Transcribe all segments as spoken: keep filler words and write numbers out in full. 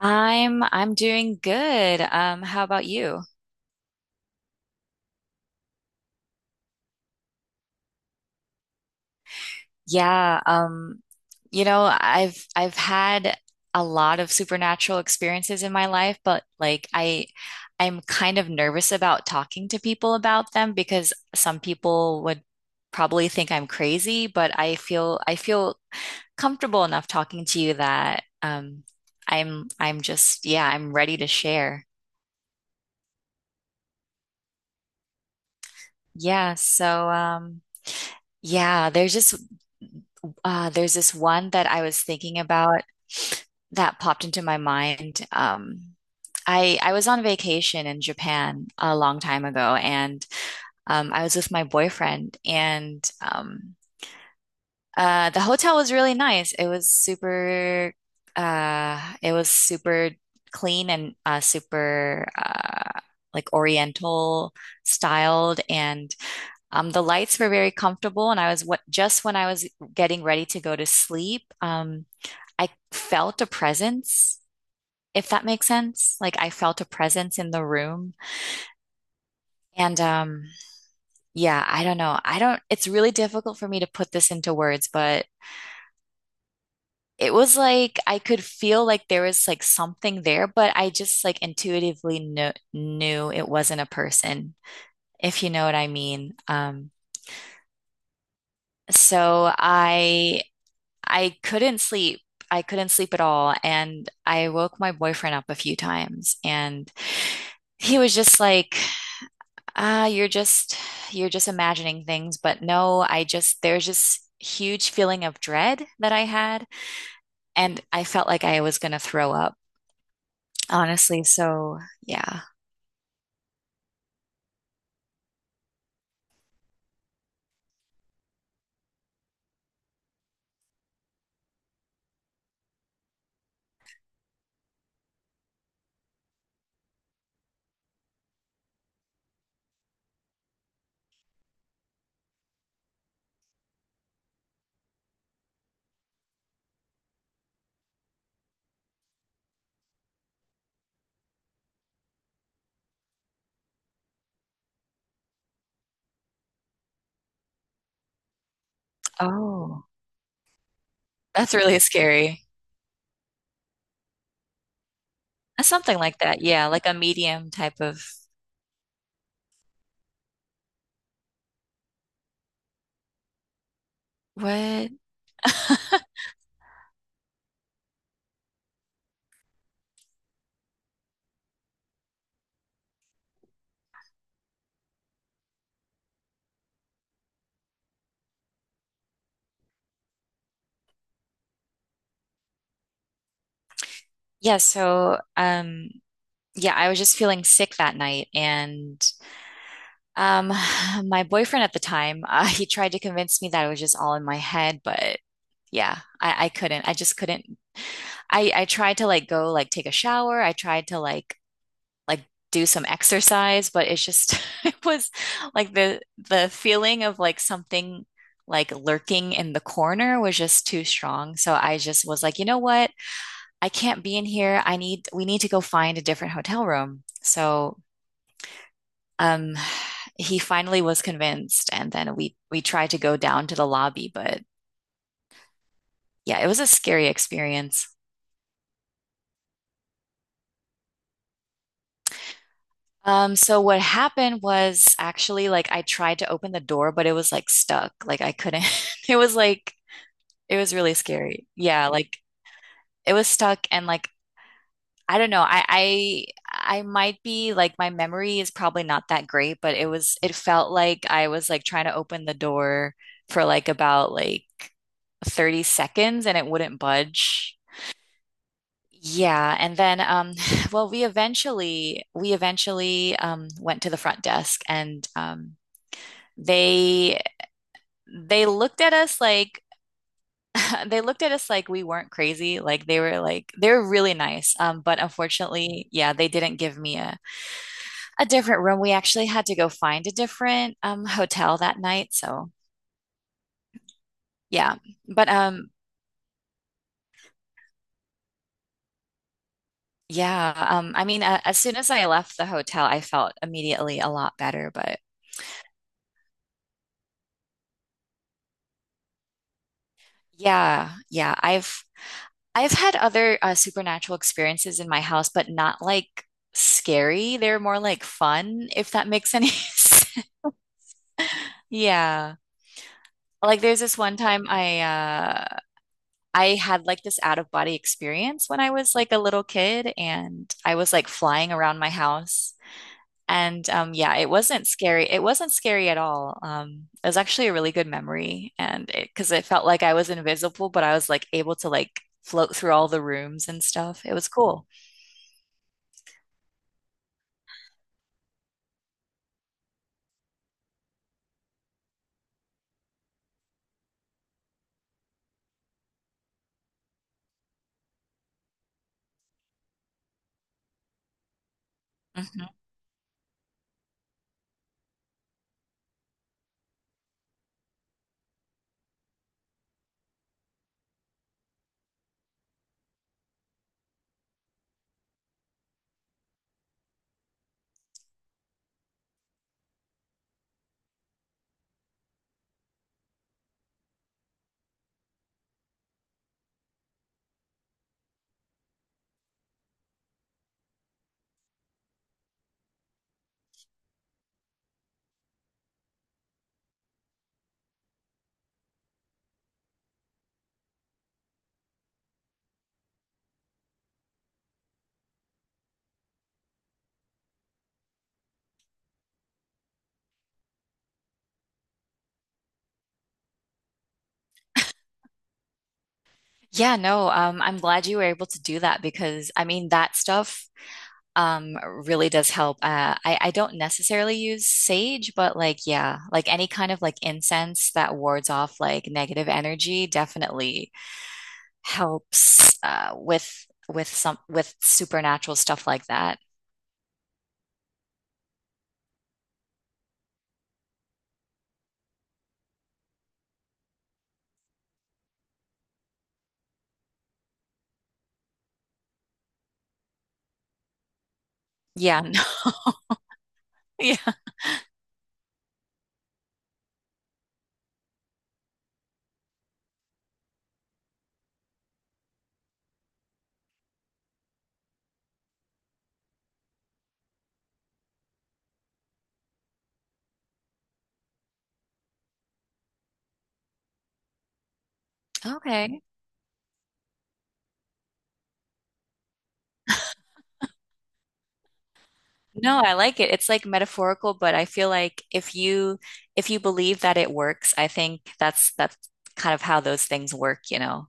I'm I'm doing good. Um, how about you? Yeah, um, you know, I've I've had a lot of supernatural experiences in my life, but like I I'm kind of nervous about talking to people about them because some people would probably think I'm crazy, but I feel I feel comfortable enough talking to you that um I'm I'm just yeah, I'm ready to share. Yeah, so um yeah, there's just Uh, there's this one that I was thinking about that popped into my mind. Um, I I was on vacation in Japan a long time ago, and um, I was with my boyfriend, and um, uh, the hotel was really nice. It was super, uh, it was super clean and uh, super uh, like Oriental styled, and um, the lights were very comfortable, and I was what just when I was getting ready to go to sleep, um, I felt a presence, if that makes sense. Like I felt a presence in the room. And um, yeah, I don't know. I don't, It's really difficult for me to put this into words, but it was like I could feel like there was like something there, but I just like intuitively knew, knew it wasn't a person, if you know what I mean. Um, so I I couldn't sleep. I couldn't sleep at all. And I woke my boyfriend up a few times and he was just like, ah, you're just, you're just imagining things. But no, I just, there's just huge feeling of dread that I had. And I felt like I was going to throw up, honestly. So yeah. Oh, that's really scary. Something like that. Yeah. Like a medium type of what? Yeah, so um yeah, I was just feeling sick that night and Um, my boyfriend at the time, uh, he tried to convince me that it was just all in my head, but yeah, I, I couldn't. I just couldn't. I I tried to like go like take a shower. I tried to like like do some exercise, but it's just it was like the the feeling of like something like lurking in the corner was just too strong. So I just was like, you know what? I can't be in here. I need we need to go find a different hotel room. So um, he finally was convinced, and then we we tried to go down to the lobby, but yeah, it was a scary experience. Um, so what happened was actually like I tried to open the door, but it was like stuck. Like I couldn't. It was like it was really scary. Yeah, like it was stuck, and like I don't know. I, I I might be like my memory is probably not that great, but it was it felt like I was like trying to open the door for like about like thirty seconds and it wouldn't budge. Yeah, and then um well we eventually we eventually um went to the front desk and um they they looked at us like they looked at us like we weren't crazy. Like they were like they were really nice. Um, but unfortunately, yeah, they didn't give me a a different room. We actually had to go find a different um, hotel that night. So yeah, but um, yeah, um, I mean, uh, as soon as I left the hotel, I felt immediately a lot better. But yeah, yeah, I've I've had other uh, supernatural experiences in my house, but not like scary. They're more like fun, if that makes any sense. Yeah. Like there's this one time I uh, I had like this out of body experience when I was like a little kid and I was like flying around my house. And um, Yeah, it wasn't scary. It wasn't scary at all. Um, it was actually a really good memory. And it, because it felt like I was invisible, but I was like able to like float through all the rooms and stuff. It was cool. hmm Yeah, no, um, I'm glad you were able to do that because I mean, that stuff um really does help. Uh, I I don't necessarily use sage, but like yeah, like any kind of like incense that wards off like negative energy definitely helps uh with with some with supernatural stuff like that. Yeah, no, yeah. Okay. No, I like it. It's like metaphorical, but I feel like if you if you believe that it works, I think that's that's kind of how those things work, you know.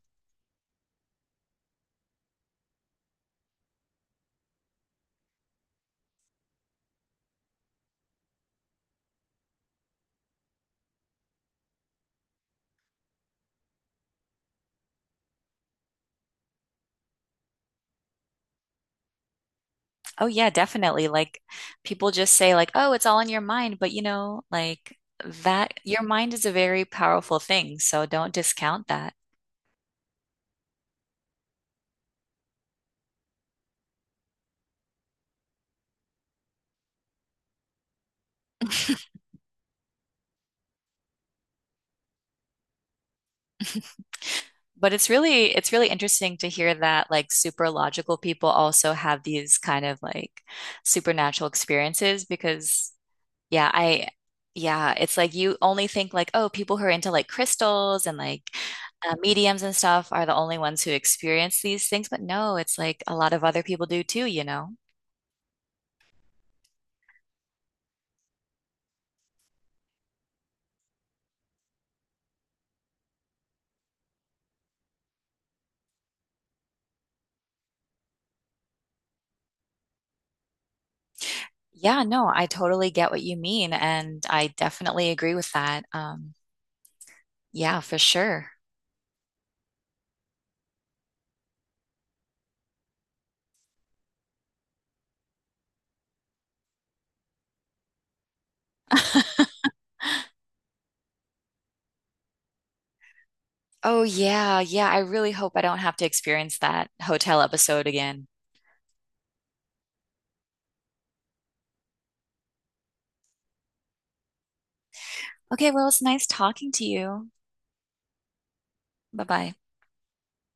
Oh yeah, definitely. Like people just say like, "Oh, it's all in your mind," but you know, like that your mind is a very powerful thing, so don't discount that. But it's really it's really interesting to hear that like super logical people also have these kind of like supernatural experiences because yeah, I yeah, it's like you only think like, "Oh, people who are into like crystals and like uh, mediums and stuff are the only ones who experience these things." But no, it's like a lot of other people do too, you know. Yeah, no, I totally get what you mean, and I definitely agree with that. Um, yeah, for sure. Oh, yeah, yeah, I really hope I don't have to experience that hotel episode again. Okay, well, it's nice talking to you. Bye-bye.